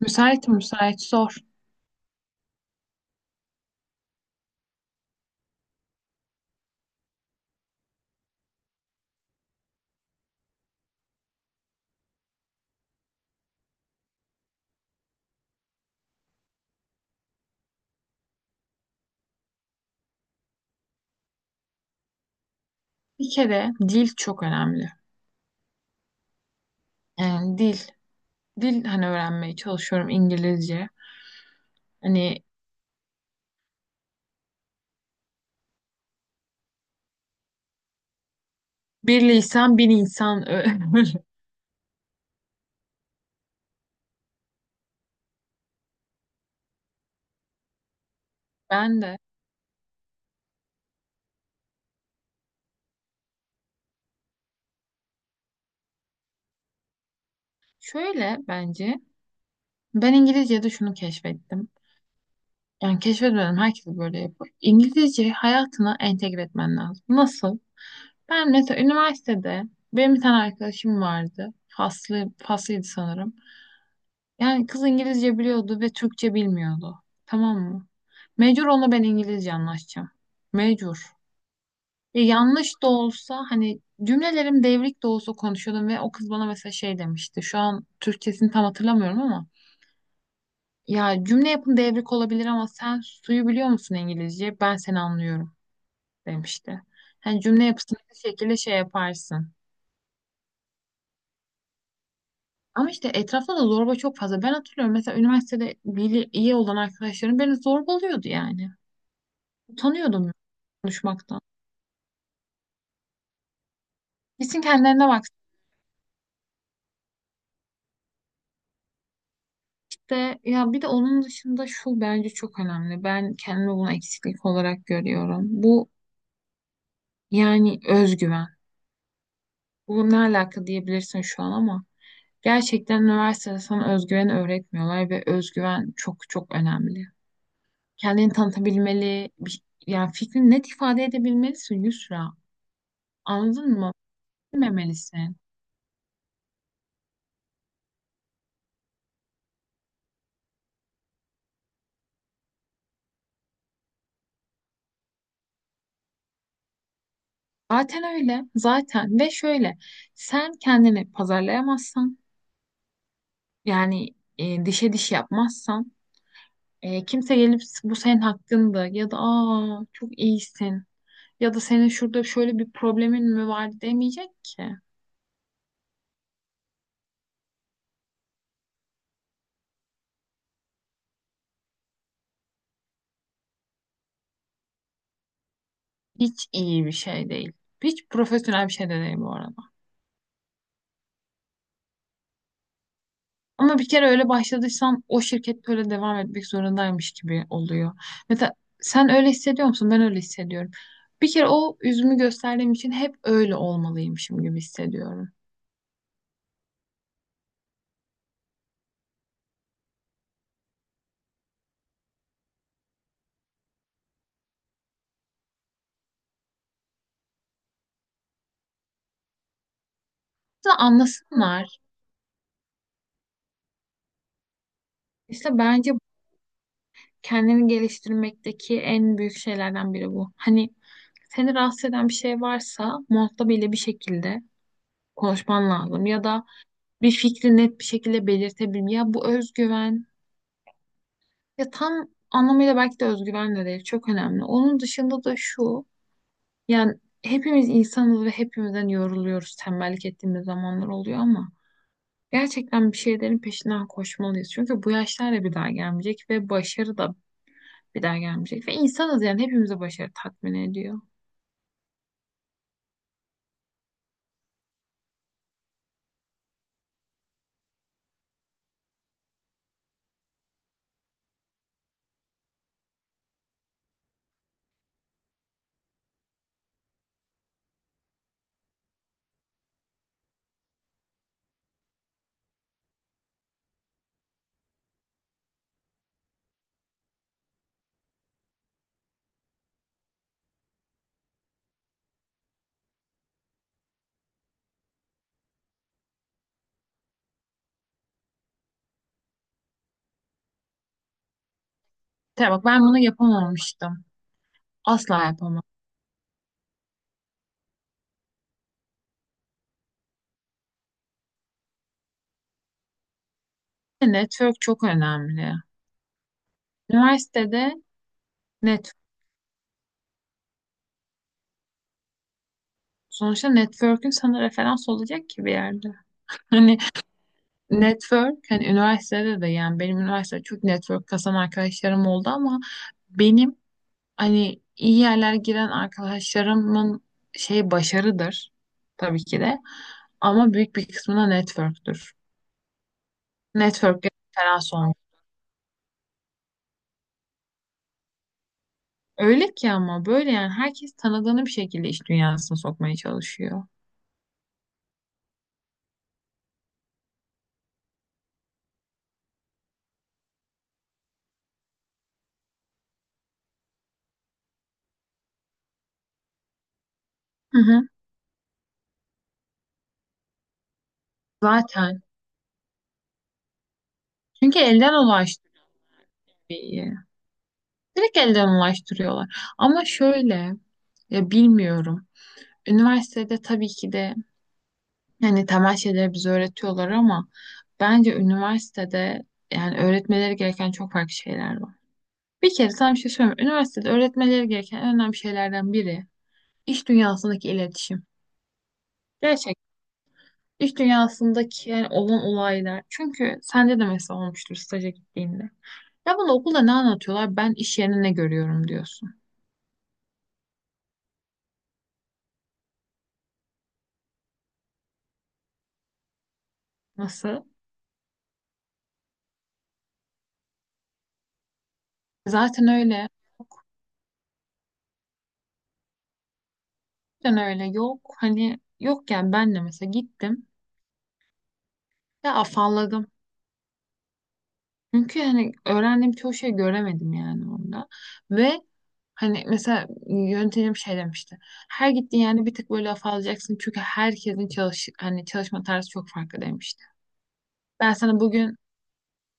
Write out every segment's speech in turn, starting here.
Müsait müsait sor. Bir kere dil çok önemli. Yani dil. Dil hani öğrenmeye çalışıyorum İngilizce. Hani bir lisan bin insan öyle. Ben de şöyle, bence ben İngilizce'de şunu keşfettim. Yani keşfetmedim, herkes böyle yapıyor. İngilizceyi hayatına entegre etmen lazım. Nasıl? Ben mesela üniversitede benim bir tane arkadaşım vardı. Faslı, faslıydı sanırım. Yani kız İngilizce biliyordu ve Türkçe bilmiyordu. Tamam mı? Mecbur onunla ben İngilizce anlaşacağım. Mecbur. Yanlış da olsa hani cümlelerim devrik de olsa konuşuyordum ve o kız bana mesela şey demişti. Şu an Türkçesini tam hatırlamıyorum ama ya cümle yapın devrik olabilir ama sen suyu biliyor musun İngilizce? Ben seni anlıyorum demişti. Hani cümle yapısını bir şekilde şey yaparsın. Ama işte etrafta da zorba çok fazla. Ben hatırlıyorum mesela üniversitede iyi olan arkadaşlarım beni zorbalıyordu yani. Utanıyordum konuşmaktan. Kesin kendilerine bak. İşte ya bir de onun dışında şu bence çok önemli. Ben kendimi bunu eksiklik olarak görüyorum. Bu yani özgüven. Bu ne alaka diyebilirsin şu an ama gerçekten üniversitede sana özgüveni öğretmiyorlar ve özgüven çok çok önemli. Kendini tanıtabilmeli, yani fikrini net ifade edebilmelisin Yusra. Anladın mı? Bilmemelisin. Zaten öyle. Zaten ve şöyle, sen kendini pazarlayamazsan. Yani dişe diş yapmazsan, kimse gelip bu senin hakkında ya da aa çok iyisin ya da senin şurada şöyle bir problemin mi var demeyecek ki. Hiç iyi bir şey değil. Hiç profesyonel bir şey de değil bu arada. Ama bir kere öyle başladıysan o şirket öyle devam etmek zorundaymış gibi oluyor. Mesela sen öyle hissediyor musun? Ben öyle hissediyorum. Bir kere o üzümü gösterdiğim için hep öyle olmalıymışım gibi hissediyorum. Aslında anlasınlar. İşte bence kendini geliştirmekteki en büyük şeylerden biri bu. Hani seni rahatsız eden bir şey varsa muhatabıyla bir şekilde konuşman lazım ya da bir fikri net bir şekilde belirtebilme. Ya bu özgüven, ya tam anlamıyla belki de özgüven de değil, çok önemli. Onun dışında da şu, yani hepimiz insanız ve hepimizden yoruluyoruz, tembellik ettiğimiz zamanlar oluyor ama gerçekten bir şeylerin peşinden koşmalıyız. Çünkü bu yaşlar da bir daha gelmeyecek ve başarı da bir daha gelmeyecek. Ve insanız, yani hepimize başarı tatmin ediyor. Tabii bak, ben bunu yapamamıştım. Asla yapamam. Network çok önemli. Üniversitede network. Sonuçta network'ün sana referans olacak ki bir yerde. Hani network, hani üniversitede de yani benim üniversitede çok network kasan arkadaşlarım oldu ama benim hani iyi yerlere giren arkadaşlarımın şey başarıdır tabii ki de ama büyük bir kısmına network'tür. Network'e referans olmak. Öyle ki, ama böyle yani herkes tanıdığını bir şekilde iş dünyasına sokmaya çalışıyor. Hı hı. Zaten. Çünkü elden ulaştırıyor. İyi. Direkt elden ulaştırıyorlar. Ama şöyle, ya bilmiyorum. Üniversitede tabii ki de yani temel şeyleri bize öğretiyorlar ama bence üniversitede yani öğretmeleri gereken çok farklı şeyler var. Bir kere sana bir şey söyleyeyim. Üniversitede öğretmeleri gereken en önemli şeylerden biri iş dünyasındaki iletişim. Gerçekten. İş dünyasındaki yani olan olaylar. Çünkü sende de mesela olmuştur staja gittiğinde. Ya bana okulda ne anlatıyorlar? Ben iş yerine ne görüyorum diyorsun. Nasıl? Zaten öyle. Yok. Zaten öyle. Yok. Hani yok yani ben de mesela gittim. Ya afalladım. Çünkü hani öğrendiğim çoğu şey göremedim yani orada. Ve hani mesela yöntemim şey demişti. Her gittiğin yani bir tık böyle afallayacaksın. Çünkü herkesin hani çalışma tarzı çok farklı demişti. Ben sana bugün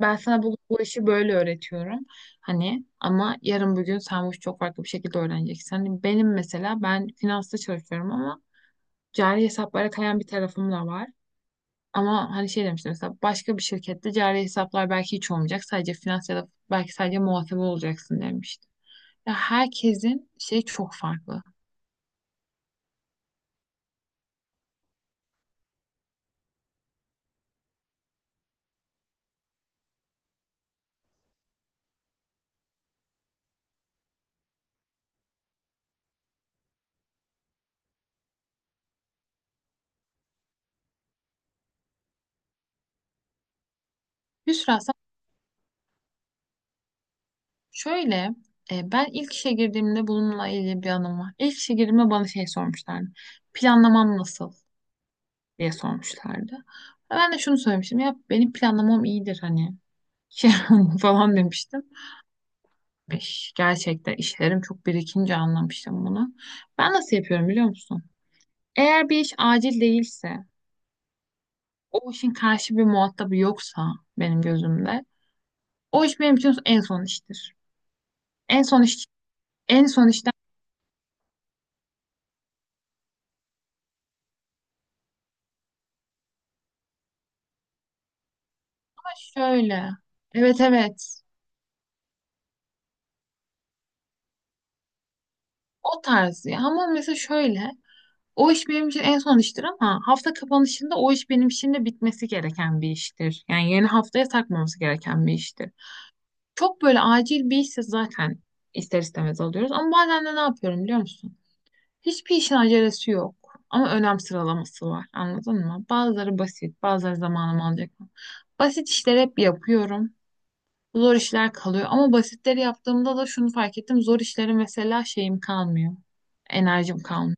Ben sana bu işi böyle öğretiyorum. Hani ama yarın bugün sen bu işi çok farklı bir şekilde öğreneceksin. Hani benim mesela ben finansta çalışıyorum ama cari hesaplara kayan bir tarafım da var. Ama hani şey demiştim mesela başka bir şirkette cari hesaplar belki hiç olmayacak. Sadece finans ya da belki sadece muhasebe olacaksın demiştim. Ya herkesin şey çok farklı. Yusra sen şöyle, ben ilk işe girdiğimde bununla ilgili bir anım var. İlk işe girdiğimde bana şey sormuşlardı. Planlamam nasıl? Diye sormuşlardı. Ben de şunu söylemiştim, ya benim planlamam iyidir hani falan demiştim. Gerçekten işlerim çok birikince anlamıştım bunu. Ben nasıl yapıyorum biliyor musun? Eğer bir iş acil değilse, o işin karşı bir muhatabı yoksa benim gözümde, o iş benim için en son iştir. En son iş, en son işten şöyle. Evet, evet. O tarz ya. Ama mesela şöyle. O iş benim için en son iştir ama hafta kapanışında o iş benim için de bitmesi gereken bir iştir. Yani yeni haftaya takmamız gereken bir iştir. Çok böyle acil bir işse zaten ister istemez alıyoruz. Ama bazen de ne yapıyorum biliyor musun? Hiçbir işin acelesi yok. Ama önem sıralaması var. Anladın mı? Bazıları basit, bazıları zamanım alacak. Basit işleri hep yapıyorum. Zor işler kalıyor. Ama basitleri yaptığımda da şunu fark ettim. Zor işleri mesela şeyim kalmıyor. Enerjim kalmıyor.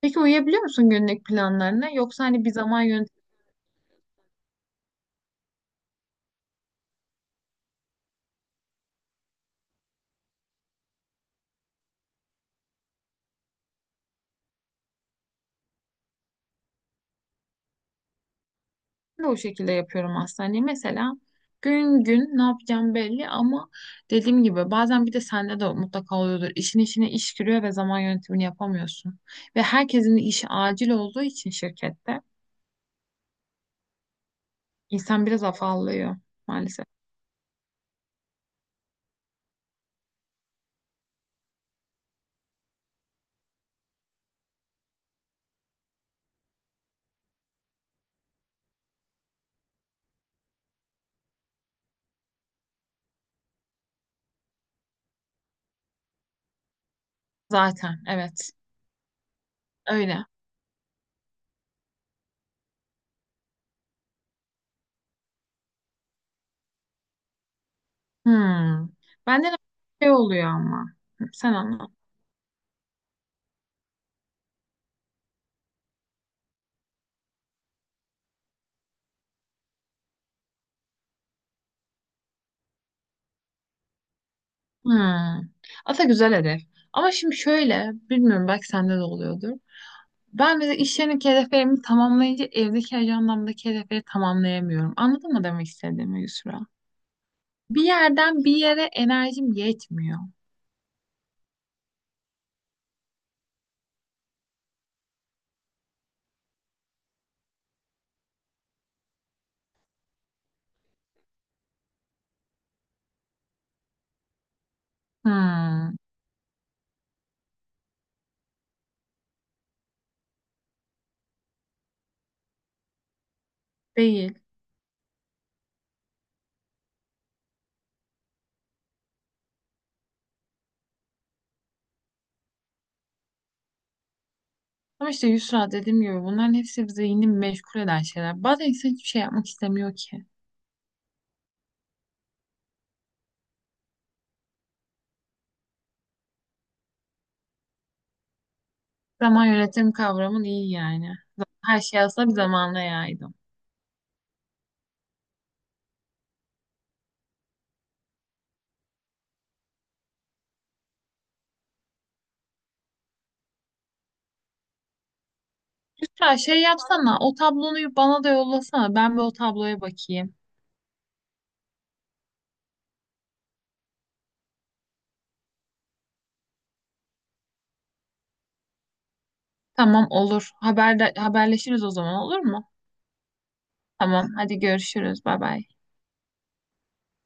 Peki uyuyabiliyor musun günlük planlarına? Yoksa hani bir zaman yönetimini de o şekilde yapıyorum aslında. Hani mesela gün gün ne yapacağım belli ama dediğim gibi bazen, bir de sende de mutlaka oluyordur. İşin içine iş giriyor ve zaman yönetimini yapamıyorsun. Ve herkesin işi acil olduğu için şirkette insan biraz afallıyor maalesef. Zaten evet öyle. Hmm. Bende de şey oluyor ama. Sen anla. Hmm. Aslında güzel hedef. Ama şimdi şöyle, bilmiyorum belki sende de oluyordur. Ben de iş yerindeki hedeflerimi tamamlayınca evdeki ajandamdaki hedefleri tamamlayamıyorum. Anladın mı demek istediğimi Yusra? Bir yerden bir yere enerjim yetmiyor. Hmm, değil. Ama işte Yusra, dediğim gibi bunların hepsi zihnini meşgul eden şeyler. Bazen insan hiçbir şey yapmak istemiyor ki. Zaman yönetimi kavramın iyi yani. Her şey aslında bir zamanla yaydım. Yusra şey yapsana, o tablonu bana da yollasana, ben bir o tabloya bakayım. Tamam, olur. Haber, haberleşiriz o zaman, olur mu? Tamam, hadi görüşürüz. Bay bay.